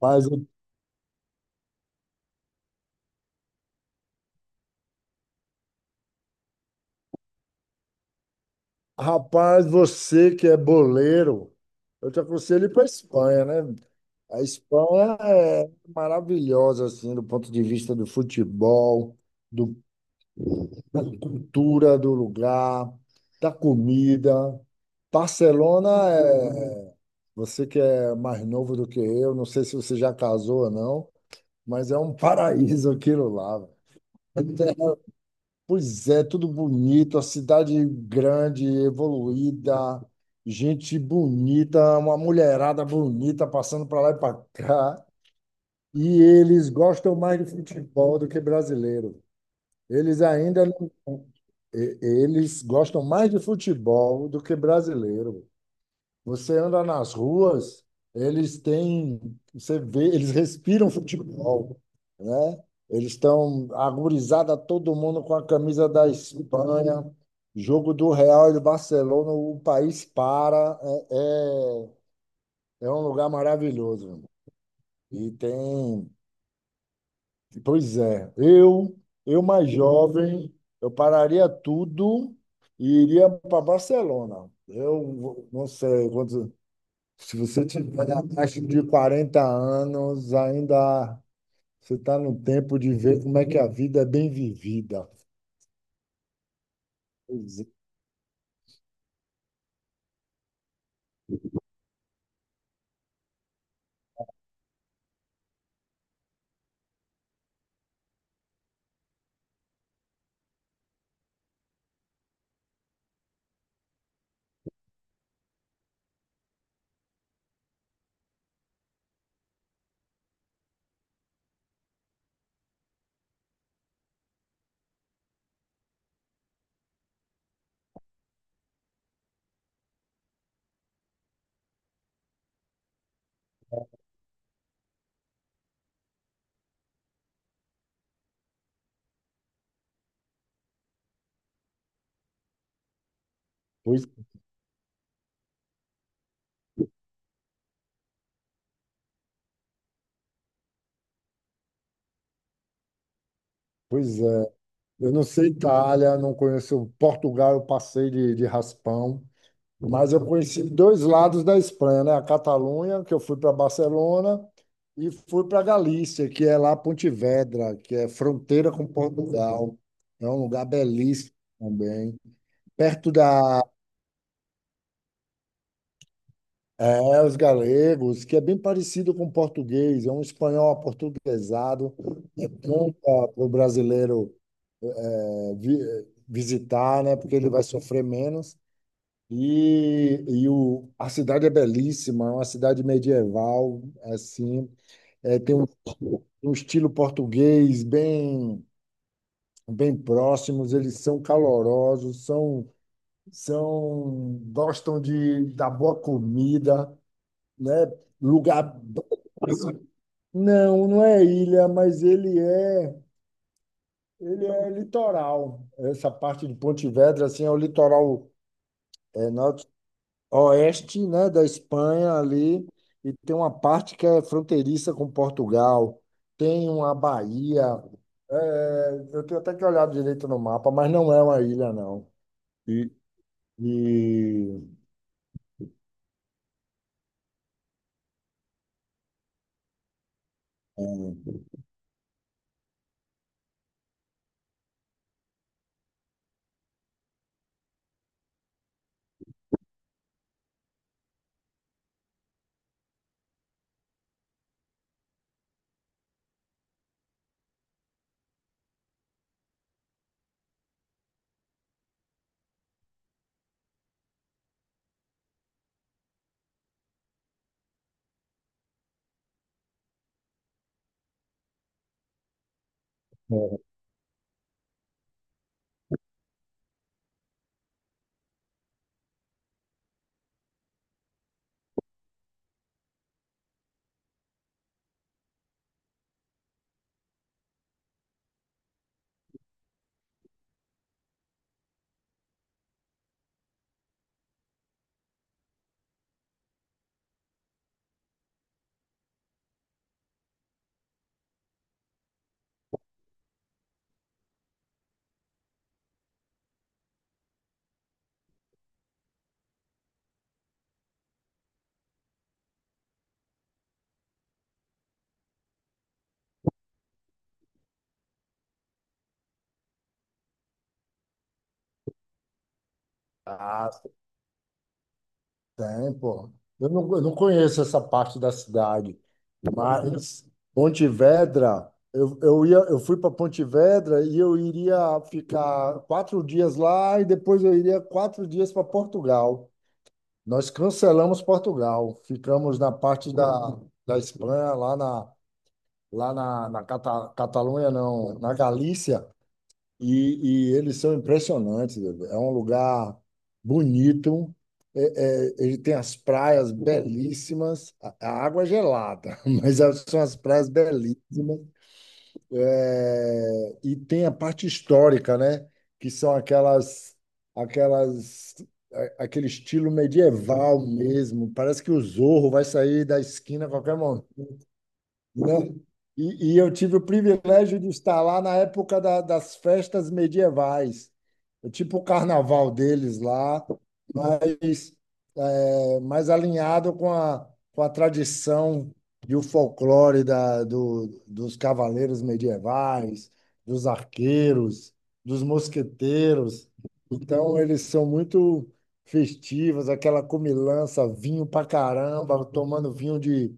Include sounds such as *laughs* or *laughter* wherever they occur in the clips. Mas, rapaz, você que é boleiro, eu te aconselho ir para a Espanha, né? A Espanha é maravilhosa, assim, do ponto de vista do futebol, da cultura do lugar, da comida. Barcelona é. Você que é mais novo do que eu, não sei se você já casou ou não, mas é um *laughs* paraíso aquilo lá. Pois é, tudo bonito, a cidade grande, evoluída, gente bonita, uma mulherada bonita passando para lá e para cá. E eles gostam mais de futebol do que brasileiro. Eles ainda não... Eles gostam mais de futebol do que brasileiro. Você anda nas ruas, eles têm, você vê, eles respiram futebol, né? Eles estão agorizada todo mundo com a camisa da Espanha, jogo do Real e do Barcelona, o país para, é, é um lugar maravilhoso, meu irmão. E tem, pois é, eu mais jovem, eu pararia tudo e iria para Barcelona. Eu não sei quantos. Se você tiver abaixo de 40 anos, ainda você está no tempo de ver como é que a vida é bem vivida. Pois, pois, Pois é. Eu não sei Itália, não conheço Portugal, eu passei de raspão, mas eu conheci dois lados da Espanha, né? A Catalunha, que eu fui para Barcelona, e fui para Galícia, que é lá Pontevedra, que é fronteira com Portugal. É um lugar belíssimo também, perto da... É, os galegos, que é bem parecido com o português, é um espanhol aportuguesado, é bom para o brasileiro é, visitar, né, porque ele vai sofrer menos. E, a cidade é belíssima, é uma cidade medieval, assim, é, tem um, um estilo português bem, bem próximos, eles são calorosos, são, são, gostam da boa comida, né, lugar. Não, não é ilha, mas ele é litoral. Essa parte de Pontevedra assim é o litoral, é, norte, oeste, né, da Espanha ali, e tem uma parte que é fronteiriça com Portugal, tem uma baía. É, eu tenho até que olhar direito no mapa, mas não é uma ilha, não. E, e- Tem, pô. Eu não conheço essa parte da cidade, mas Pontevedra, eu ia, eu fui para Pontevedra e eu iria ficar 4 dias lá e depois eu iria 4 dias para Portugal. Nós cancelamos Portugal, ficamos na parte da, da Espanha, lá na Cata, Catalunha, não, na Galícia. E eles são impressionantes. É um lugar bonito. É, ele tem as praias belíssimas. A água é gelada, *laughs* mas são as praias belíssimas. É, e tem a parte histórica, né? Que são aquelas, aquele estilo medieval mesmo. Parece que o Zorro vai sair da esquina a qualquer, né? E eu tive o privilégio de estar lá na época das festas medievais. É tipo o carnaval deles lá, mas é, mais alinhado com a tradição e o folclore dos cavaleiros medievais, dos arqueiros, dos mosqueteiros. Então, eles são muito festivos, aquela comilança, vinho pra caramba, tomando vinho de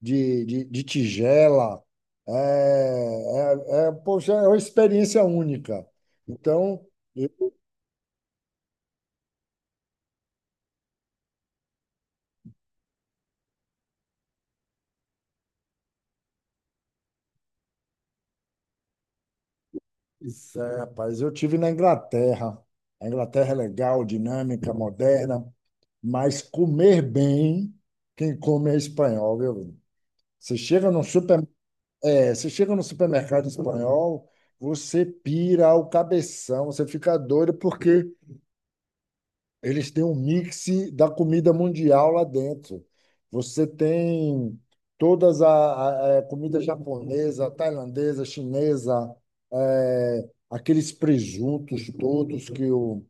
de, de, de tigela. É, poxa, é uma experiência única. Então, eu- isso é, rapaz, eu tive na Inglaterra. A Inglaterra é legal, dinâmica, moderna, mas comer bem, quem come é espanhol, viu? Você chega no super, é, você chega no supermercado espanhol, você pira o cabeção, você fica doido porque eles têm um mix da comida mundial lá dentro. Você tem todas a é, comida japonesa, tailandesa, chinesa, eh, aqueles presuntos todos que, o,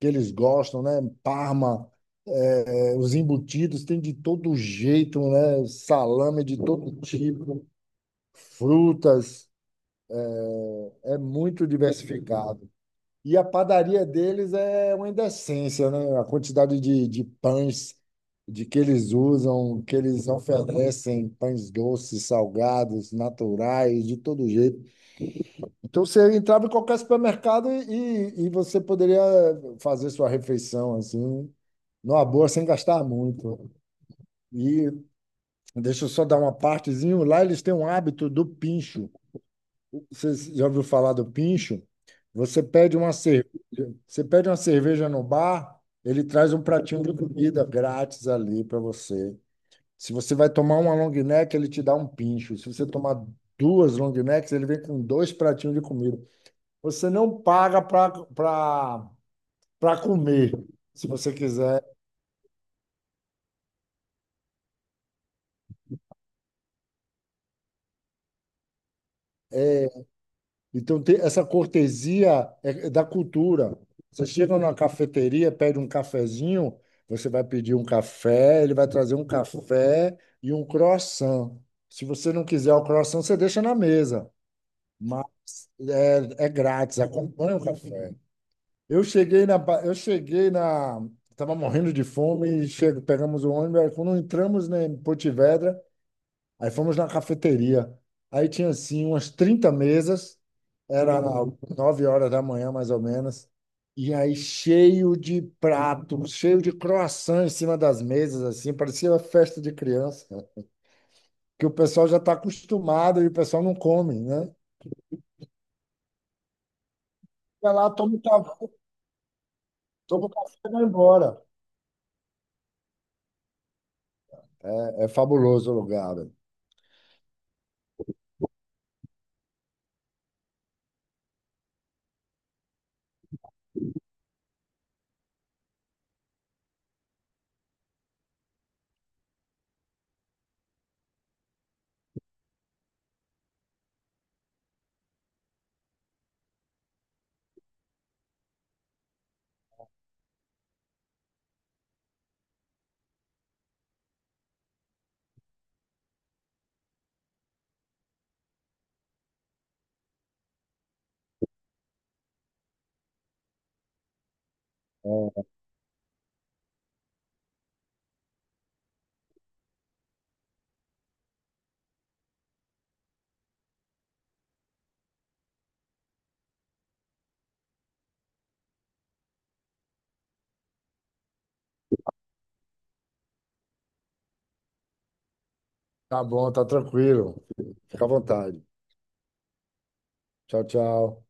que eles gostam, né? Parma, eh, os embutidos, tem de todo jeito, né? Salame de todo tipo, frutas, é muito diversificado. E a padaria deles é uma indecência, né? A quantidade de pães de que eles usam, que eles oferecem, pães doces, salgados, naturais, de todo jeito. Então você entrava em qualquer supermercado e você poderia fazer sua refeição assim, numa boa, sem gastar muito. E deixa eu só dar uma partezinha, lá eles têm um hábito do pincho. Você já ouviu falar do pincho? Você pede uma cerveja, você pede uma cerveja no bar, ele traz um pratinho de comida grátis ali para você. Se você vai tomar uma long neck, ele te dá um pincho. Se você tomar duas long necks, ele vem com dois pratinhos de comida. Você não paga para comer. Se você quiser... Então, tem essa cortesia, é da cultura. Você chega numa cafeteria, pede um cafezinho, você vai pedir um café, ele vai trazer um café e um croissant. Se você não quiser o croissant, você deixa na mesa, mas é, é grátis, acompanha o café. Eu cheguei na, ba- eu cheguei na, tava morrendo de fome e chego, pegamos o ônibus. Aí, quando entramos, né, em Porto Vedra, aí fomos na cafeteria. Aí tinha assim umas 30 mesas, era 9 horas da manhã, mais ou menos. E aí, cheio de pratos, cheio de croissant em cima das mesas, assim, parecia uma festa de criança, cara, que o pessoal já está acostumado e o pessoal não come, né? Vai lá, toma o ca-, toma o café e vai embora. É fabuloso o lugar, velho. É, tá bom, tá tranquilo. Fica à vontade. Tchau, tchau.